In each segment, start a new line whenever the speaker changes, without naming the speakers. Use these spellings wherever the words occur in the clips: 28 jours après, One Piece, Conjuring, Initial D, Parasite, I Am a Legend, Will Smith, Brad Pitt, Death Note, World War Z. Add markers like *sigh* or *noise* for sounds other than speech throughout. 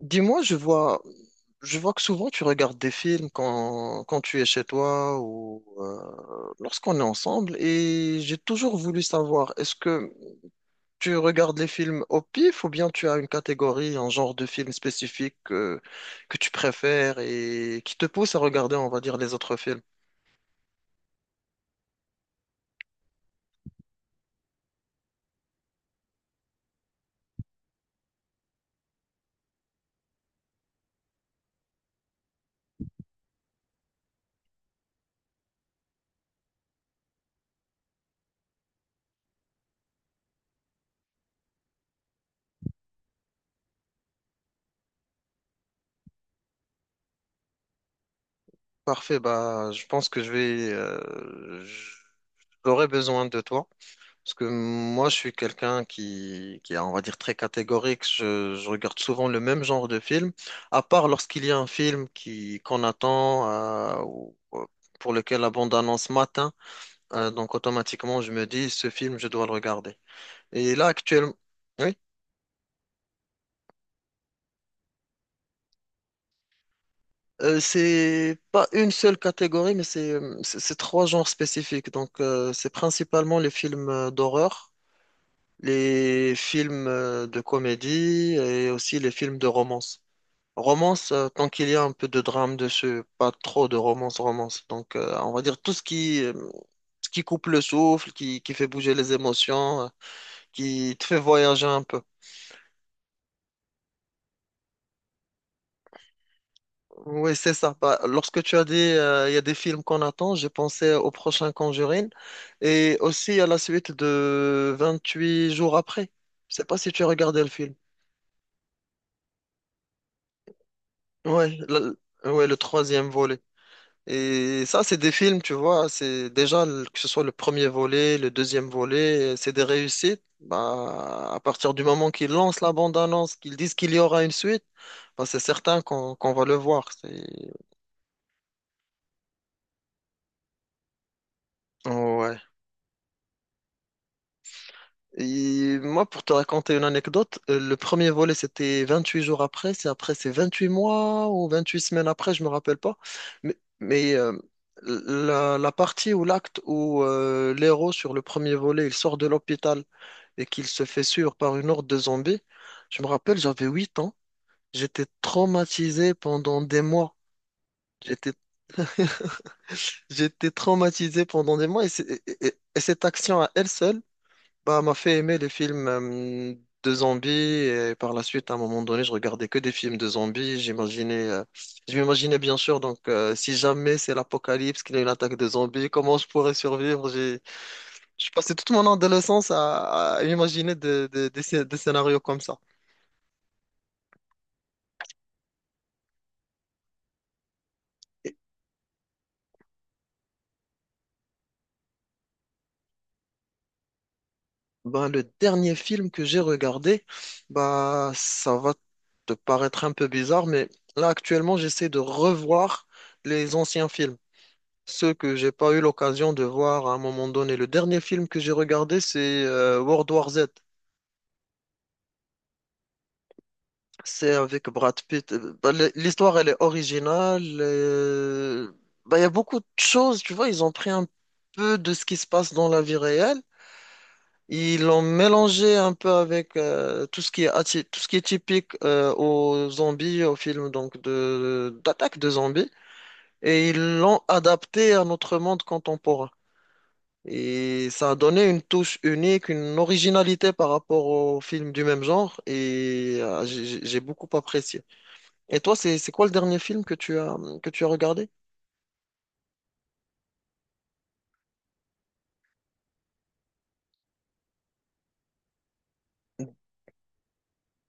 Dis-moi, je vois que souvent tu regardes des films quand tu es chez toi ou lorsqu'on est ensemble et j'ai toujours voulu savoir, est-ce que tu regardes les films au pif ou bien tu as une catégorie, un genre de film spécifique que tu préfères et qui te pousse à regarder, on va dire, les autres films? Parfait, bah, je pense que j'aurai besoin de toi. Parce que moi, je suis quelqu'un qui est, on va dire, très catégorique. Je regarde souvent le même genre de film, à part lorsqu'il y a un film qui, qu'on attend, ou pour lequel la bande-annonce matin. Donc, automatiquement, je me dis, ce film, je dois le regarder. Et là, actuellement, oui, c'est pas une seule catégorie, mais c'est trois genres spécifiques. Donc, c'est principalement les films d'horreur, les films de comédie et aussi les films de romance. Romance, tant qu'il y a un peu de drame dessus, pas trop de romance, romance. Donc, on va dire tout ce qui coupe le souffle, qui fait bouger les émotions, qui te fait voyager un peu. Oui, c'est ça. Bah, lorsque tu as dit il y a des films qu'on attend, j'ai pensé au prochain Conjuring et aussi à la suite de 28 jours après. Je sais pas si tu as regardé le film. Ouais, ouais, le troisième volet. Et ça, c'est des films, tu vois, c'est déjà que ce soit le premier volet, le deuxième volet, c'est des réussites. Bah, à partir du moment qu'ils lancent la bande-annonce, qu'ils disent qu'il y aura une suite, bah, c'est certain qu'on va le voir. Ouais. Et moi, pour te raconter une anecdote, le premier volet, c'était 28 jours après, c'est 28 mois ou 28 semaines après, je me rappelle pas. Mais la partie ou l'acte où l'héros sur le premier volet, il sort de l'hôpital et qu'il se fait suivre par une horde de zombies. Je me rappelle, j'avais 8 ans. J'étais traumatisé pendant des mois. J'étais, j'étais traumatisé pendant des mois. Et cette action à elle seule, bah, m'a fait aimer les films de zombies. Et par la suite, à un moment donné, je regardais que des films de zombies. Je m'imaginais bien sûr. Donc, si jamais c'est l'apocalypse, qu'il y a une attaque de zombies, comment je pourrais survivre? Je passais toute mon adolescence à imaginer des scénarios comme ça. Ben, le dernier film que j'ai regardé, bah, ça va te paraître un peu bizarre, mais là actuellement j'essaie de revoir les anciens films, ceux que j'ai pas eu l'occasion de voir à un moment donné. Le dernier film que j'ai regardé, c'est World War Z. C'est avec Brad Pitt. L'histoire, elle est originale. Il y a beaucoup de choses, tu vois, ils ont pris un peu de ce qui se passe dans la vie réelle. Ils l'ont mélangé un peu avec tout ce qui est typique aux zombies, aux films donc de d'attaque de zombies, et ils l'ont adapté à notre monde contemporain. Et ça a donné une touche unique, une originalité par rapport aux films du même genre, et j'ai beaucoup apprécié. Et toi, c'est quoi le dernier film que tu as regardé?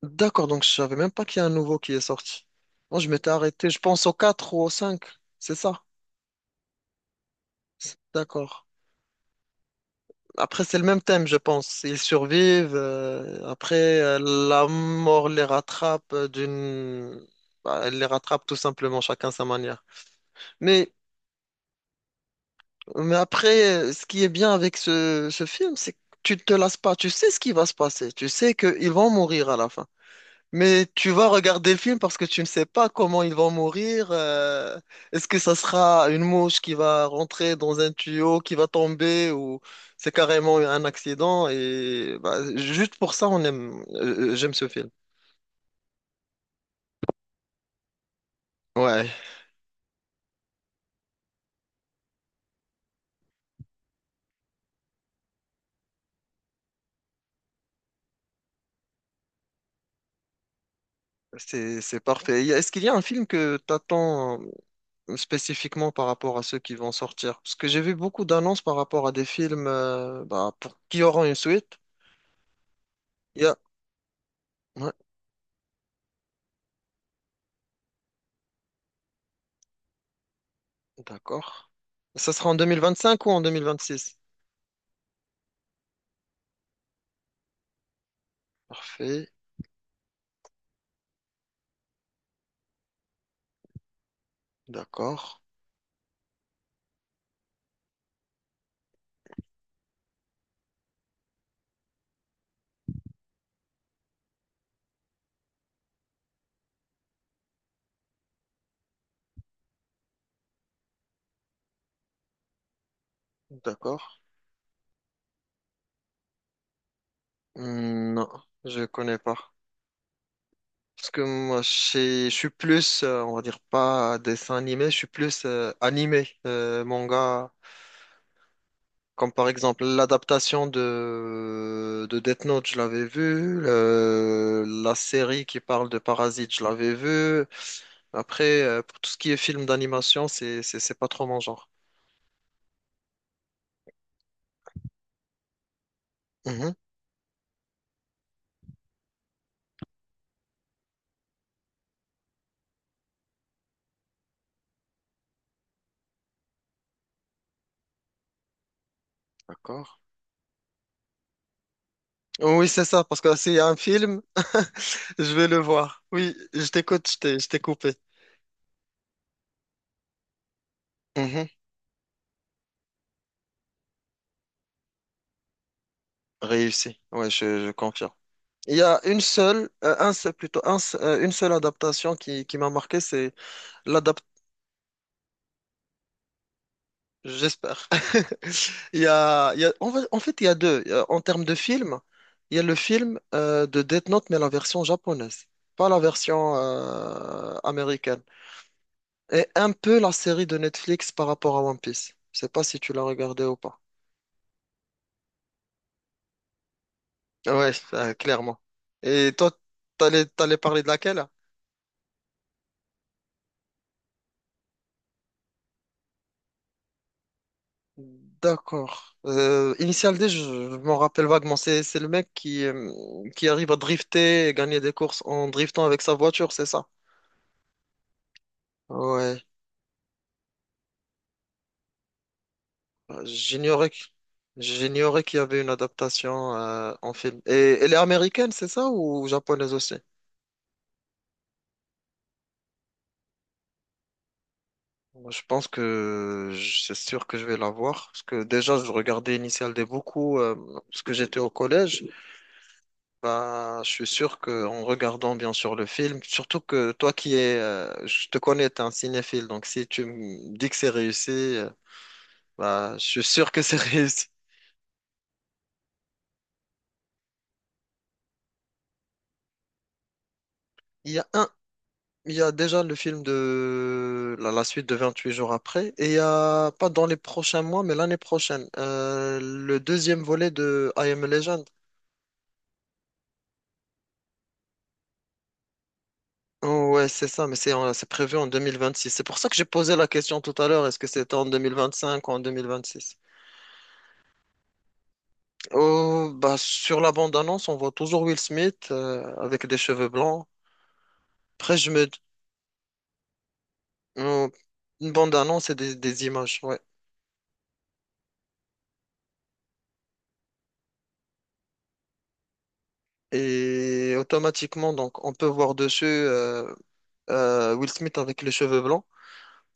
D'accord, donc je savais même pas qu'il y a un nouveau qui est sorti. Moi, je m'étais arrêté, je pense au 4 ou au 5. C'est ça? D'accord. Après, c'est le même thème, je pense. Ils survivent. Après, la mort les rattrape. Bah, elle les rattrape tout simplement, chacun sa manière. Mais, mais après, ce qui est bien avec ce film, c'est que tu te lasses pas. Tu sais ce qui va se passer. Tu sais qu'ils vont mourir à la fin. Mais tu vas regarder le film parce que tu ne sais pas comment ils vont mourir. Est-ce que ça sera une mouche qui va rentrer dans un tuyau, qui va tomber, ou c'est carrément un accident? Et bah, juste pour ça, j'aime ce film. Ouais, c'est parfait. Est-ce qu'il y a un film que t'attends spécifiquement par rapport à ceux qui vont sortir? Parce que j'ai vu beaucoup d'annonces par rapport à des films pour qui auront une suite. Il y a... Ouais, d'accord. Ça sera en 2025 ou en 2026? Parfait. D'accord. D'accord. Hmm, non, je connais pas. Parce que moi, je suis plus, on va dire pas dessin animé, je suis plus animé, manga. Comme par exemple l'adaptation de Death Note, je l'avais vu. La série qui parle de Parasite, je l'avais vu. Après, pour tout ce qui est film d'animation, c'est pas trop mon genre. Mhm. D'accord. Oui, c'est ça, parce que s'il y a un film, *laughs* je vais le voir. Oui, je t'écoute, je t'ai coupé. Mhm. Réussi, ouais, je confirme. Il y a une seule, un seul, plutôt, une seule adaptation qui m'a marqué, c'est l'adaptation, j'espère. *laughs* En fait, il y a deux. En termes de film, il y a le film de Death Note, mais la version japonaise, pas la version américaine. Et un peu la série de Netflix par rapport à One Piece. Je sais pas si tu l'as regardé ou pas. Ouais, clairement. Et toi, t'allais parler de laquelle? D'accord. Initial D, je m'en rappelle vaguement. C'est le mec qui arrive à drifter et gagner des courses en driftant avec sa voiture, c'est ça? Ouais. J'ignorais, que- J'ignorais qu'il y avait une adaptation en film. Et elle est américaine, c'est ça, ou japonaise aussi? Moi, je pense c'est sûr que je vais la voir. Parce que déjà, je regardais Initial D beaucoup parce que j'étais au collège. Bah, je suis sûr que en regardant bien sûr le film, surtout que toi qui es, je te connais, t'es un cinéphile, donc si tu me dis que c'est réussi, bah, je suis sûr que c'est *laughs* réussi. Il y a un, il y a déjà le film de la suite de 28 jours après, et il y a pas dans les prochains mois, mais l'année prochaine, le deuxième volet de I Am a Legend. Oh, ouais, c'est ça, mais c'est prévu en 2026. C'est pour ça que j'ai posé la question tout à l'heure, est-ce que c'était en 2025 ou en 2026? Oh, bah, sur la bande-annonce, on voit toujours Will Smith avec des cheveux blancs. Après, je me... oh, une bande-annonce et des images, ouais. Et automatiquement, donc, on peut voir dessus Will Smith avec les cheveux blancs.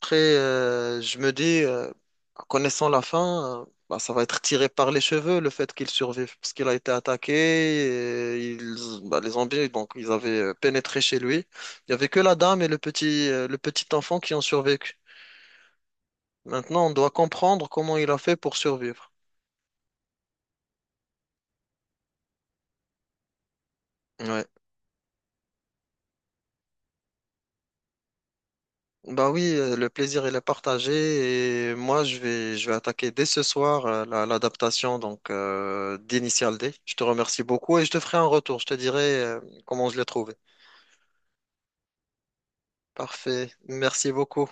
Après, je me dis, en connaissant la fin, bah, ça va être tiré par les cheveux, le fait qu'il survive, parce qu'il a été attaqué, et bah, les zombies, donc, ils avaient pénétré chez lui. Il n'y avait que la dame et le petit enfant qui ont survécu. Maintenant, on doit comprendre comment il a fait pour survivre. Ouais. Bah oui, le plaisir il est partagé et moi je vais attaquer dès ce soir l'adaptation donc d'Initial D. Je te remercie beaucoup et je te ferai un retour. Je te dirai comment je l'ai trouvé. Parfait. Merci beaucoup.